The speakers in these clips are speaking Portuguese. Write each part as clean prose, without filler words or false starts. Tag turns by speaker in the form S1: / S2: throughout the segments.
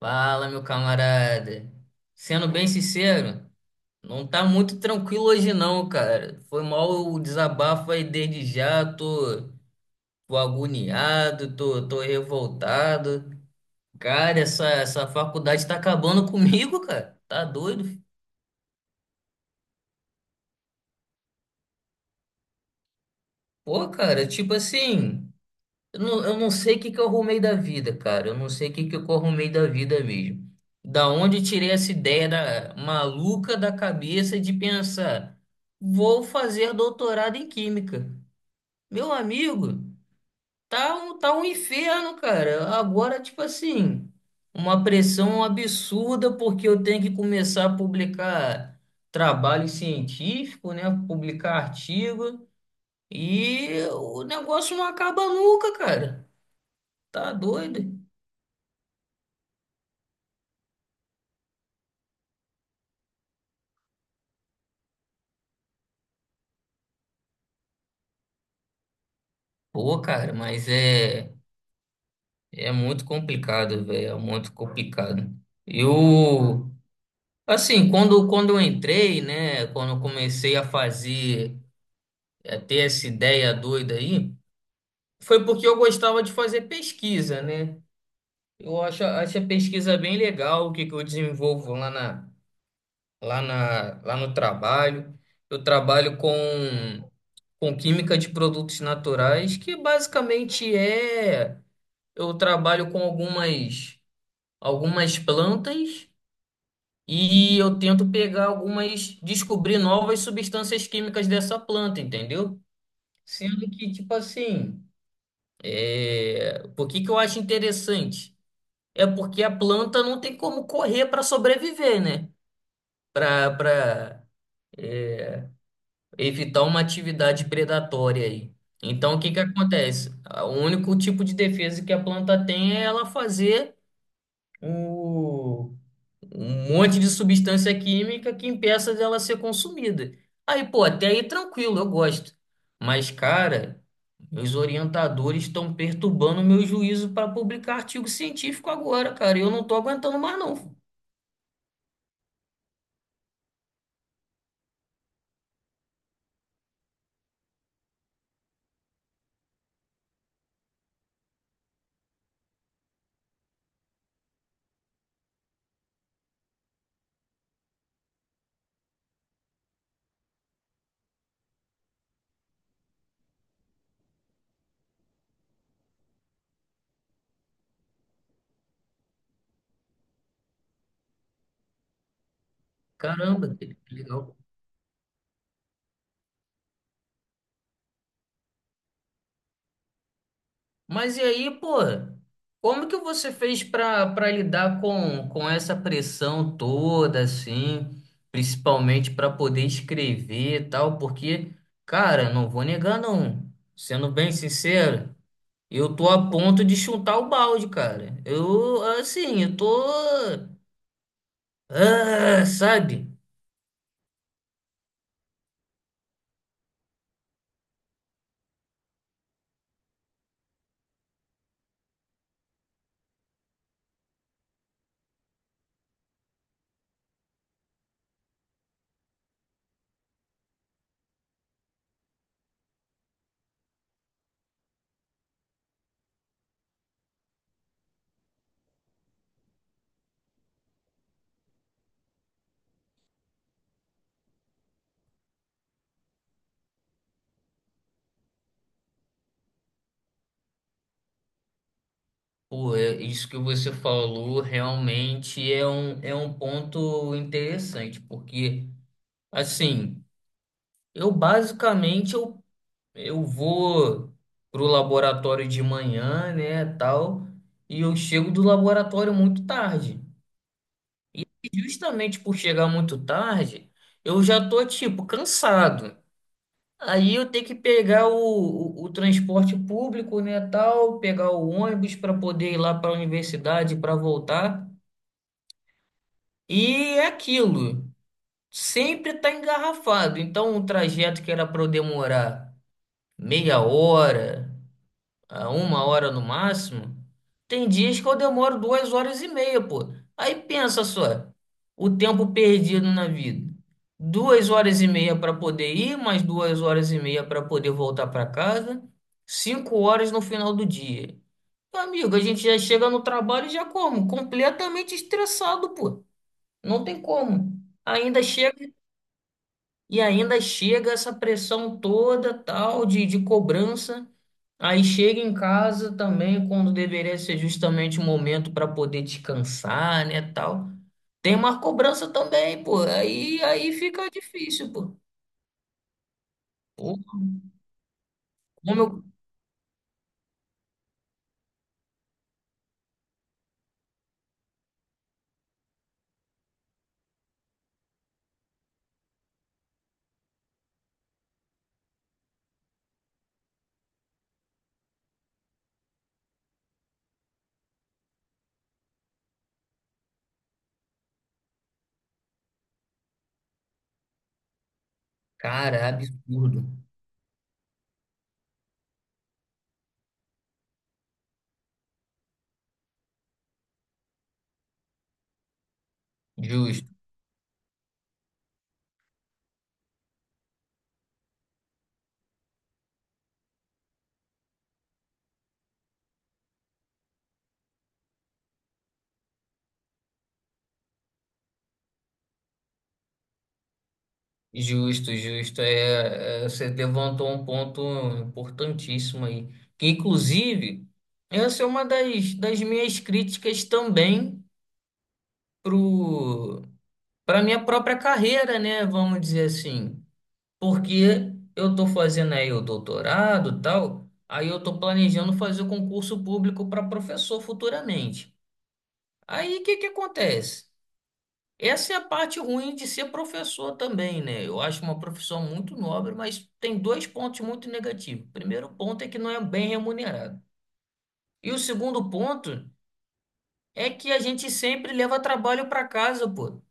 S1: Fala, meu camarada. Sendo bem sincero, não tá muito tranquilo hoje não, cara. Foi mal o desabafo aí desde já, tô agoniado, tô revoltado. Cara, essa faculdade tá acabando comigo, cara. Tá doido? Pô, cara, tipo assim. Eu não sei o que que eu arrumei da vida, cara. Eu não sei o que que eu arrumei da vida mesmo. Da onde eu tirei essa ideia maluca da cabeça de pensar, vou fazer doutorado em química. Meu amigo, tá um inferno, cara. Agora, tipo assim, uma pressão absurda porque eu tenho que começar a publicar trabalho científico, né? Publicar artigo. E o negócio não acaba nunca, cara. Tá doido? Pô, cara, mas é muito complicado, velho, é muito complicado. Eu, assim, quando eu entrei, né, quando eu comecei a fazer, a ter essa ideia doida aí, foi porque eu gostava de fazer pesquisa, né? Eu acho a pesquisa bem legal, o que que eu desenvolvo lá no trabalho. Eu trabalho com química de produtos naturais, que basicamente é, eu trabalho com algumas plantas e eu tento pegar algumas, descobrir novas substâncias químicas dessa planta, entendeu? Sendo que, tipo assim, por que que eu acho interessante? É porque a planta não tem como correr para sobreviver, né? Para evitar uma atividade predatória aí. Então, o que que acontece? O único tipo de defesa que a planta tem é ela fazer o um monte de substância química que impeça dela ser consumida. Aí, pô, até aí tranquilo, eu gosto. Mas, cara, meus orientadores estão perturbando o meu juízo para publicar artigo científico agora, cara. E eu não tô aguentando mais, não. Caramba, que legal. Mas e aí, pô, como que você fez para lidar com essa pressão toda, assim, principalmente para poder escrever e tal? Porque, cara, não vou negar, não. Sendo bem sincero, eu tô a ponto de chutar o balde, cara. Eu, assim, eu tô. Ah, sabe? Pô, isso que você falou realmente é um ponto interessante, porque, assim. Eu basicamente eu vou pro laboratório de manhã, né, tal, e eu chego do laboratório muito tarde. E justamente por chegar muito tarde, eu já tô tipo cansado. Aí eu tenho que pegar o transporte público, né, tal, pegar o ônibus para poder ir lá para a universidade para voltar. E é aquilo, sempre tá engarrafado. Então o trajeto que era para eu demorar meia hora a uma hora no máximo, tem dias que eu demoro duas horas e meia, pô. Aí pensa só, o tempo perdido na vida. Duas horas e meia para poder ir, mais duas horas e meia para poder voltar para casa, 5 horas no final do dia. Amigo, a gente já chega no trabalho e já como? Completamente estressado, pô. Não tem como. Ainda chega ainda chega essa pressão toda, tal, de cobrança. Aí chega em casa também, quando deveria ser justamente o momento para poder descansar, né, tal. Tem uma cobrança também, pô. Aí fica difícil, pô. Pô, como eu... Cara, absurdo. Justo, justo, justo. É, você levantou um ponto importantíssimo aí. Que, inclusive, essa é uma das minhas críticas também pro para minha própria carreira, né? Vamos dizer assim. Porque eu estou fazendo aí o doutorado, tal, aí eu estou planejando fazer o concurso público para professor futuramente. Aí o que que acontece? Essa é a parte ruim de ser professor também, né? Eu acho uma profissão muito nobre, mas tem dois pontos muito negativos. O primeiro ponto é que não é bem remunerado. E o segundo ponto é que a gente sempre leva trabalho para casa, pô.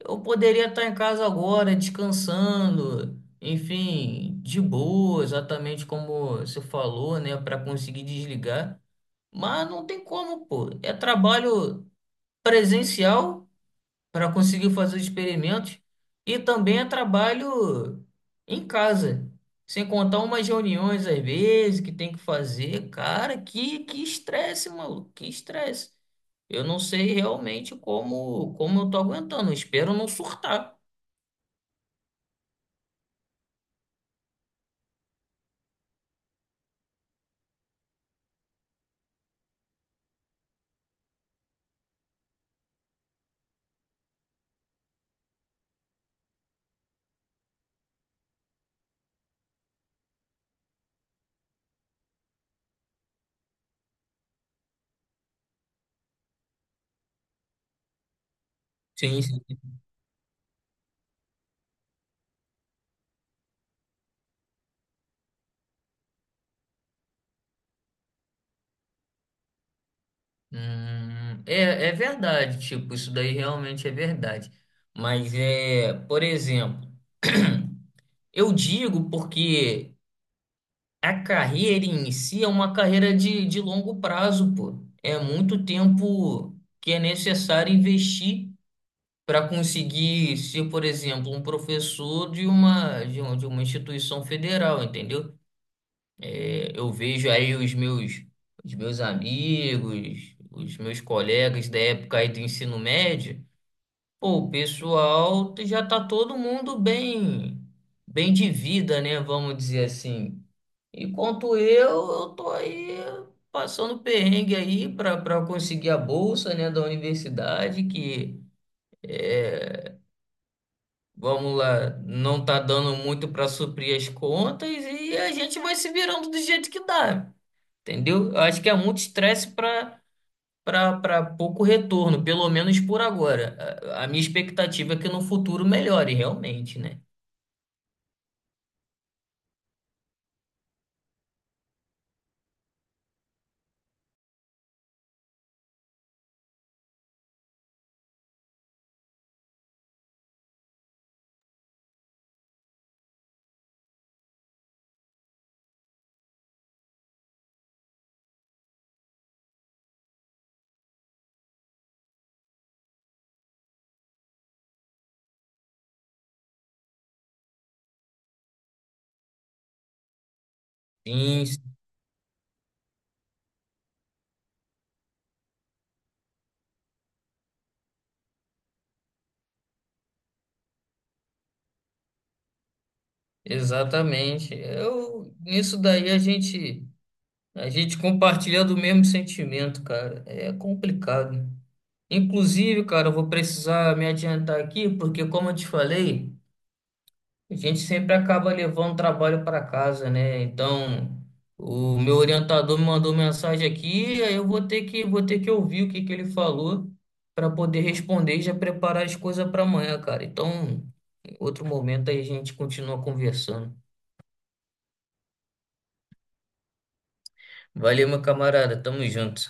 S1: Eu poderia estar em casa agora, descansando, enfim, de boa, exatamente como você falou, né, para conseguir desligar. Mas não tem como, pô. É trabalho presencial para conseguir fazer os experimentos e também é trabalho em casa. Sem contar umas reuniões às vezes que tem que fazer. Cara, que estresse, maluco, que estresse. Eu não sei realmente como eu tô aguentando. Eu espero não surtar. Sim, sim. É verdade, tipo, isso daí realmente é verdade. Mas é, por exemplo, eu digo porque a carreira em si é uma carreira de longo prazo, pô. É muito tempo que é necessário investir para conseguir ser, por exemplo, um professor de uma instituição federal, entendeu? É, eu vejo aí os meus, amigos, os meus colegas da época aí do ensino médio. Pô, o pessoal já tá todo mundo bem de vida, né? Vamos dizer assim. Enquanto eu tô aí passando perrengue aí para conseguir a bolsa, né, da universidade, que é, vamos lá, não tá dando muito para suprir as contas e a gente vai se virando do jeito que dá. Entendeu? Eu acho que é muito estresse para pouco retorno, pelo menos por agora. A minha expectativa é que no futuro melhore, realmente, né? Sim, exatamente. Eu, nisso daí a gente compartilha do mesmo sentimento, cara. É complicado. Inclusive, cara, eu vou precisar me adiantar aqui, porque como eu te falei, a gente sempre acaba levando o trabalho para casa, né? Então, o meu orientador me mandou mensagem aqui, aí eu vou ter que ouvir o que que ele falou para poder responder e já preparar as coisas para amanhã, cara. Então, em outro momento aí a gente continua conversando. Valeu, meu camarada, tamo junto.